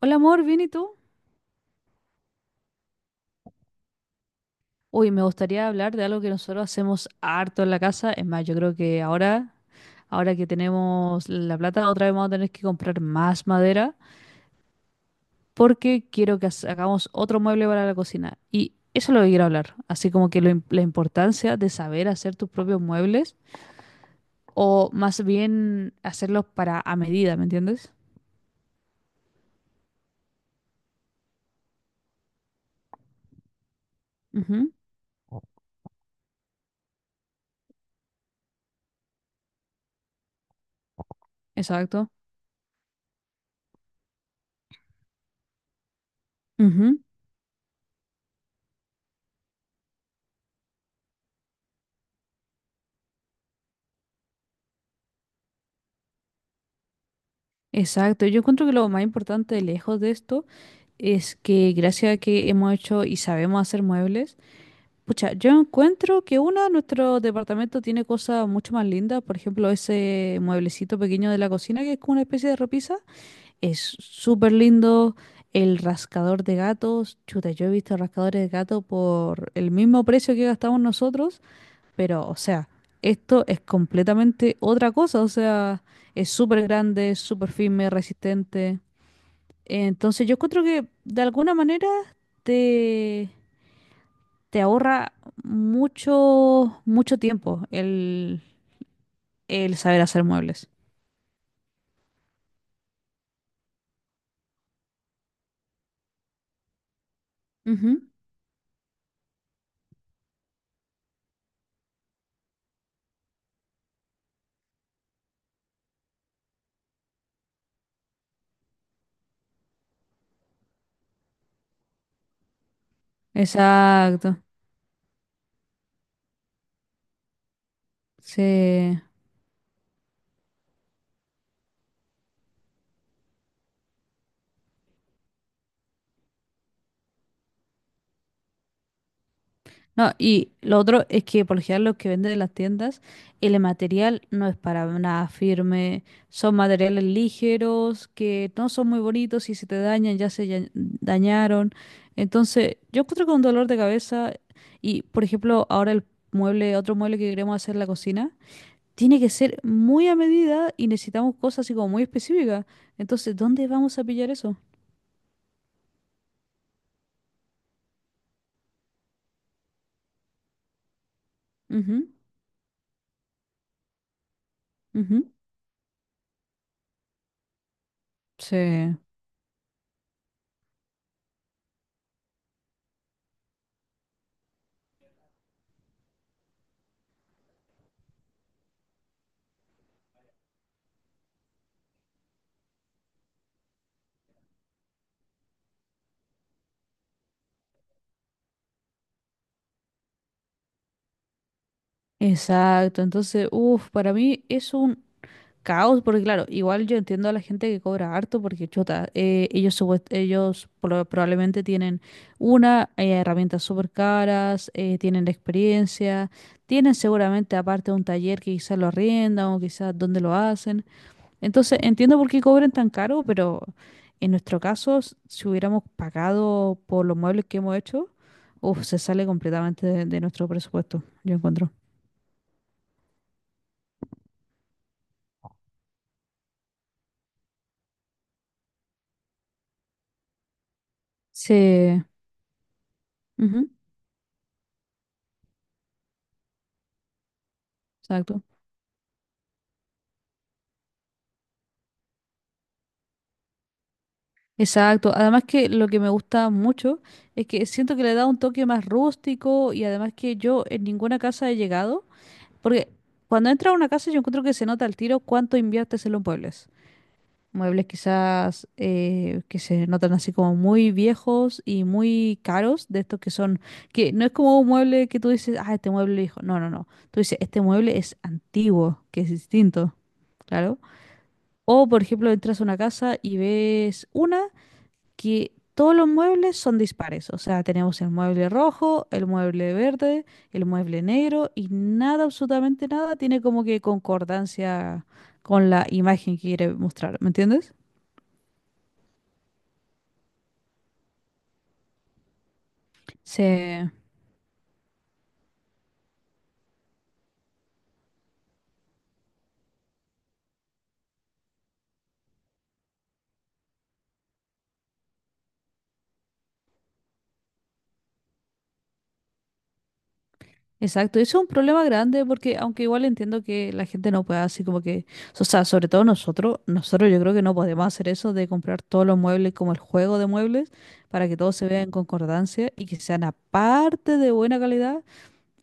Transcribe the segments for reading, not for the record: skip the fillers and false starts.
Hola amor, ¿bien y tú? Uy, me gustaría hablar de algo que nosotros hacemos harto en la casa. Es más, yo creo que ahora que tenemos la plata, otra vez vamos a tener que comprar más madera porque quiero que hagamos otro mueble para la cocina. Y eso es lo que quiero hablar. Así como que la importancia de saber hacer tus propios muebles o más bien hacerlos para a medida, ¿me entiendes? Ujú, exacto. Ujú, exacto. Yo encuentro que lo más importante lejos de esto es que gracias a que hemos hecho y sabemos hacer muebles, pucha, yo encuentro que una, nuestro departamento tiene cosas mucho más lindas. Por ejemplo, ese mueblecito pequeño de la cocina que es como una especie de repisa, es súper lindo. El rascador de gatos, chuta, yo he visto rascadores de gato por el mismo precio que gastamos nosotros, pero, o sea, esto es completamente otra cosa, o sea, es súper grande, súper firme, resistente. Entonces yo encuentro que de alguna manera te, te ahorra mucho tiempo el saber hacer muebles. Ujú. Exacto. Sí. No, y lo otro es que por lo general los que venden en las tiendas, el material no es para nada firme, son materiales ligeros que no son muy bonitos y si te dañan ya se dañaron. Entonces, yo encuentro con dolor de cabeza y, por ejemplo, ahora otro mueble que queremos hacer en la cocina, tiene que ser muy a medida y necesitamos cosas así como muy específicas. Entonces, ¿dónde vamos a pillar eso? Ujú, ujú. Sí. Exacto, entonces, uff, para mí es un caos, porque claro, igual yo entiendo a la gente que cobra harto, porque chuta, ellos, ellos probablemente tienen una, herramientas súper caras, tienen la experiencia, tienen seguramente aparte un taller que quizás lo arriendan o quizás donde lo hacen. Entonces, entiendo por qué cobren tan caro, pero en nuestro caso, si hubiéramos pagado por los muebles que hemos hecho, uf, se sale completamente de nuestro presupuesto, yo encuentro. Sí. Ujú, exacto. Exacto, además que lo que me gusta mucho es que siento que le da un toque más rústico y además que yo en ninguna casa he llegado, porque cuando entras a una casa yo encuentro que se nota al tiro cuánto inviertes en los muebles. Muebles quizás que se notan así como muy viejos y muy caros, de estos que son, que no es como un mueble que tú dices, ah, este mueble viejo, no, no, no, tú dices, este mueble es antiguo, que es distinto. Claro. O, por ejemplo, entras a una casa y ves una que todos los muebles son dispares. O sea, tenemos el mueble rojo, el mueble verde, el mueble negro y nada, absolutamente nada, tiene como que concordancia con la imagen que quiere mostrar. ¿Me entiendes? Sí, exacto. Eso es un problema grande porque aunque igual entiendo que la gente no pueda así como que, o sea, sobre todo nosotros, nosotros yo creo que no podemos hacer eso de comprar todos los muebles como el juego de muebles para que todo se vea en concordancia y que sean aparte de buena calidad.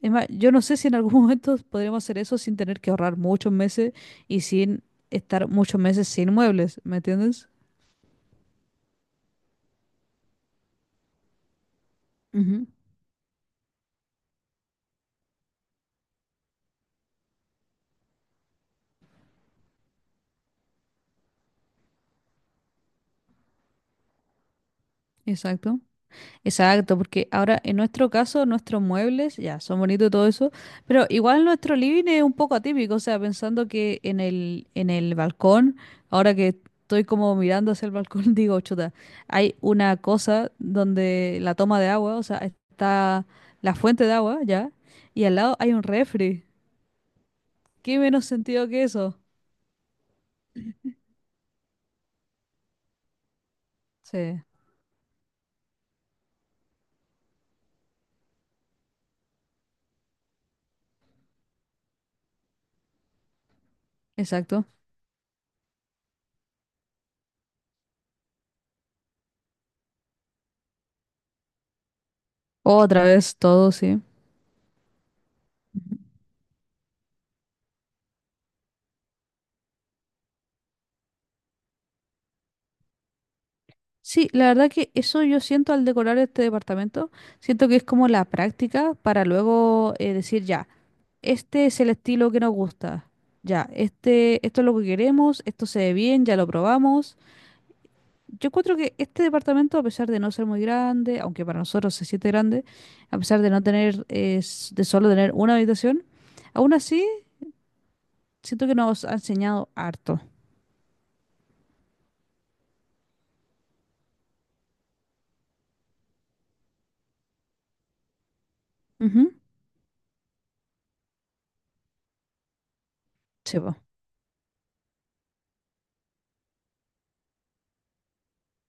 Es más, yo no sé si en algún momento podríamos hacer eso sin tener que ahorrar muchos meses y sin estar muchos meses sin muebles, ¿me entiendes? Ujú. Exacto. Exacto, porque ahora en nuestro caso nuestros muebles ya son bonitos y todo eso, pero igual nuestro living es un poco atípico, o sea, pensando que en el balcón, ahora que estoy como mirando hacia el balcón, digo, chuta, hay una cosa donde la toma de agua, o sea, está la fuente de agua, ya, y al lado hay un refri. ¿Qué menos sentido que eso? Sí, exacto. Otra vez todo, sí. Ujú. Sí, la verdad que eso yo siento al decorar este departamento, siento que es como la práctica para luego decir, ya, este es el estilo que nos gusta, ya, este, esto es lo que queremos, esto se ve bien, ya lo probamos. Yo encuentro que este departamento, a pesar de no ser muy grande, aunque para nosotros se siente grande, a pesar de no tener, de solo tener una habitación, aún así siento que nos ha enseñado harto. Ujú. Sí, po.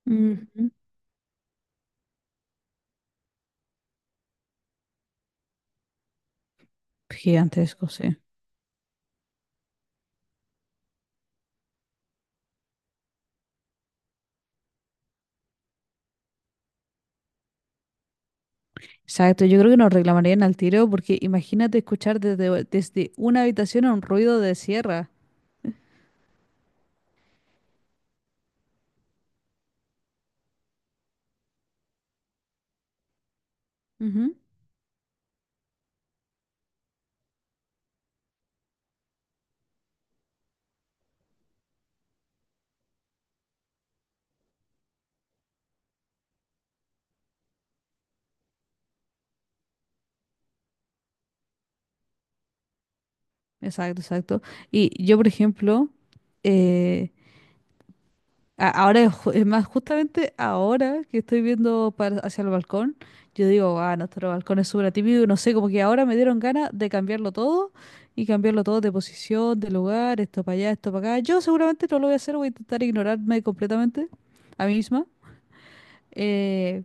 Ujú. Gigantesco, sí. Exacto, yo creo que nos reclamarían al tiro porque imagínate escuchar desde una habitación un ruido de sierra. Ujú. Exacto, exacto. Y yo, por ejemplo, eh, ahora, es más, justamente ahora que estoy viendo hacia el balcón, yo digo, ah, nuestro balcón es súper típico y no sé, como que ahora me dieron ganas de cambiarlo todo y cambiarlo todo de posición, de lugar, esto para allá, esto para acá. Yo seguramente no lo voy a hacer, voy a intentar ignorarme completamente a mí misma. Eh,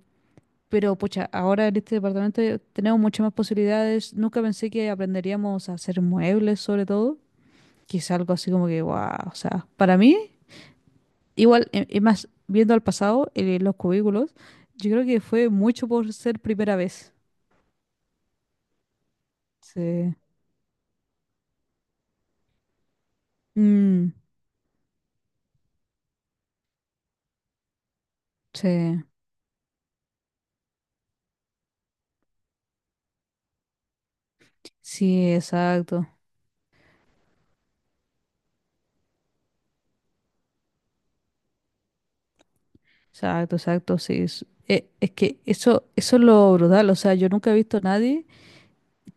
pero pucha, ahora en este departamento tenemos muchas más posibilidades. Nunca pensé que aprenderíamos a hacer muebles, sobre todo, que es algo así como que, wow, o sea, para mí, igual, es más, viendo al pasado, los cubículos, yo creo que fue mucho por ser primera vez. Sí. Mm, sí, sí, exacto, exacto, exacto, sí. Es que eso es lo brutal, o sea, yo nunca he visto a nadie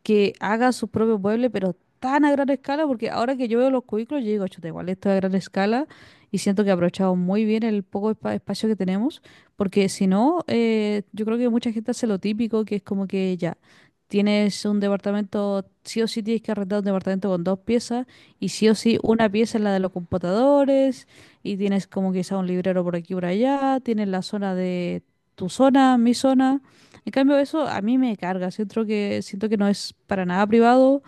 que haga su propio mueble, pero tan a gran escala, porque ahora que yo veo los cubículos, yo digo, chuta, igual esto es a gran escala y siento que he aprovechado muy bien el poco espacio que tenemos, porque si no, yo creo que mucha gente hace lo típico, que es como que ya. Tienes un departamento, sí o sí tienes que arrendar un departamento con dos piezas y sí o sí una pieza es la de los computadores y tienes como quizá un librero por aquí por allá, tienes la zona de tu zona, mi zona. En cambio, eso a mí me carga. Siento siento que no es para nada privado.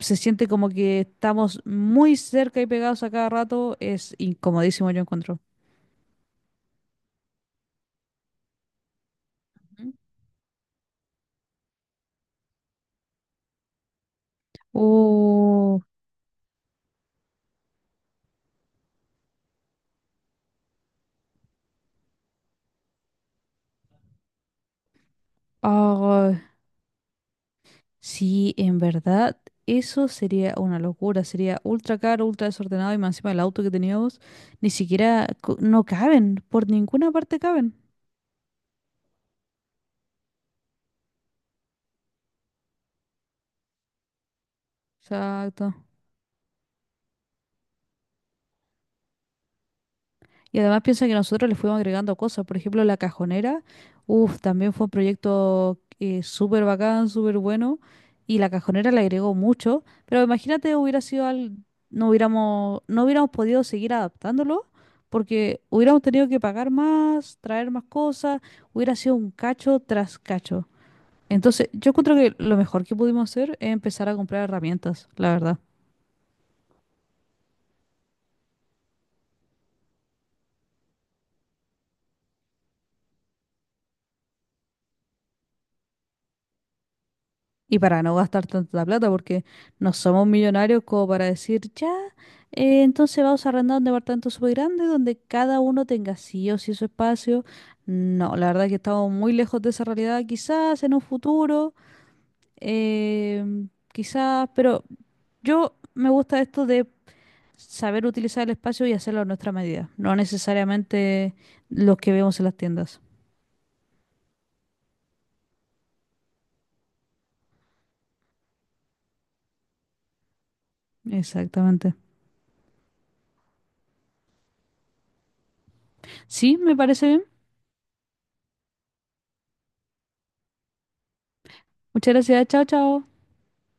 Se siente como que estamos muy cerca y pegados a cada rato. Es incomodísimo, yo encuentro. Ujú. Oh, ah, sí, en verdad, eso sería una locura. Sería ultra caro, ultra desordenado y más encima el auto que teníamos. Ni siquiera no caben. Por ninguna parte caben. Exacto. Y además piensa que nosotros le fuimos agregando cosas. Por ejemplo, la cajonera. Uff también fue un proyecto súper bacán, súper bueno. Y la cajonera le agregó mucho. Pero imagínate, hubiera sido al... no hubiéramos podido seguir adaptándolo porque hubiéramos tenido que pagar más, traer más cosas. Hubiera sido un cacho tras cacho. Entonces, yo encuentro que lo mejor que pudimos hacer es empezar a comprar herramientas, la verdad. Y para no gastar tanta plata, porque no somos millonarios como para decir, ya, entonces vamos a arrendar un departamento súper grande donde cada uno tenga sí o sí su espacio. No, la verdad que estamos muy lejos de esa realidad, quizás en un futuro, quizás, pero yo me gusta esto de saber utilizar el espacio y hacerlo a nuestra medida, no necesariamente los que vemos en las tiendas. Exactamente. Sí, me parece bien. Muchas gracias, chao, chao.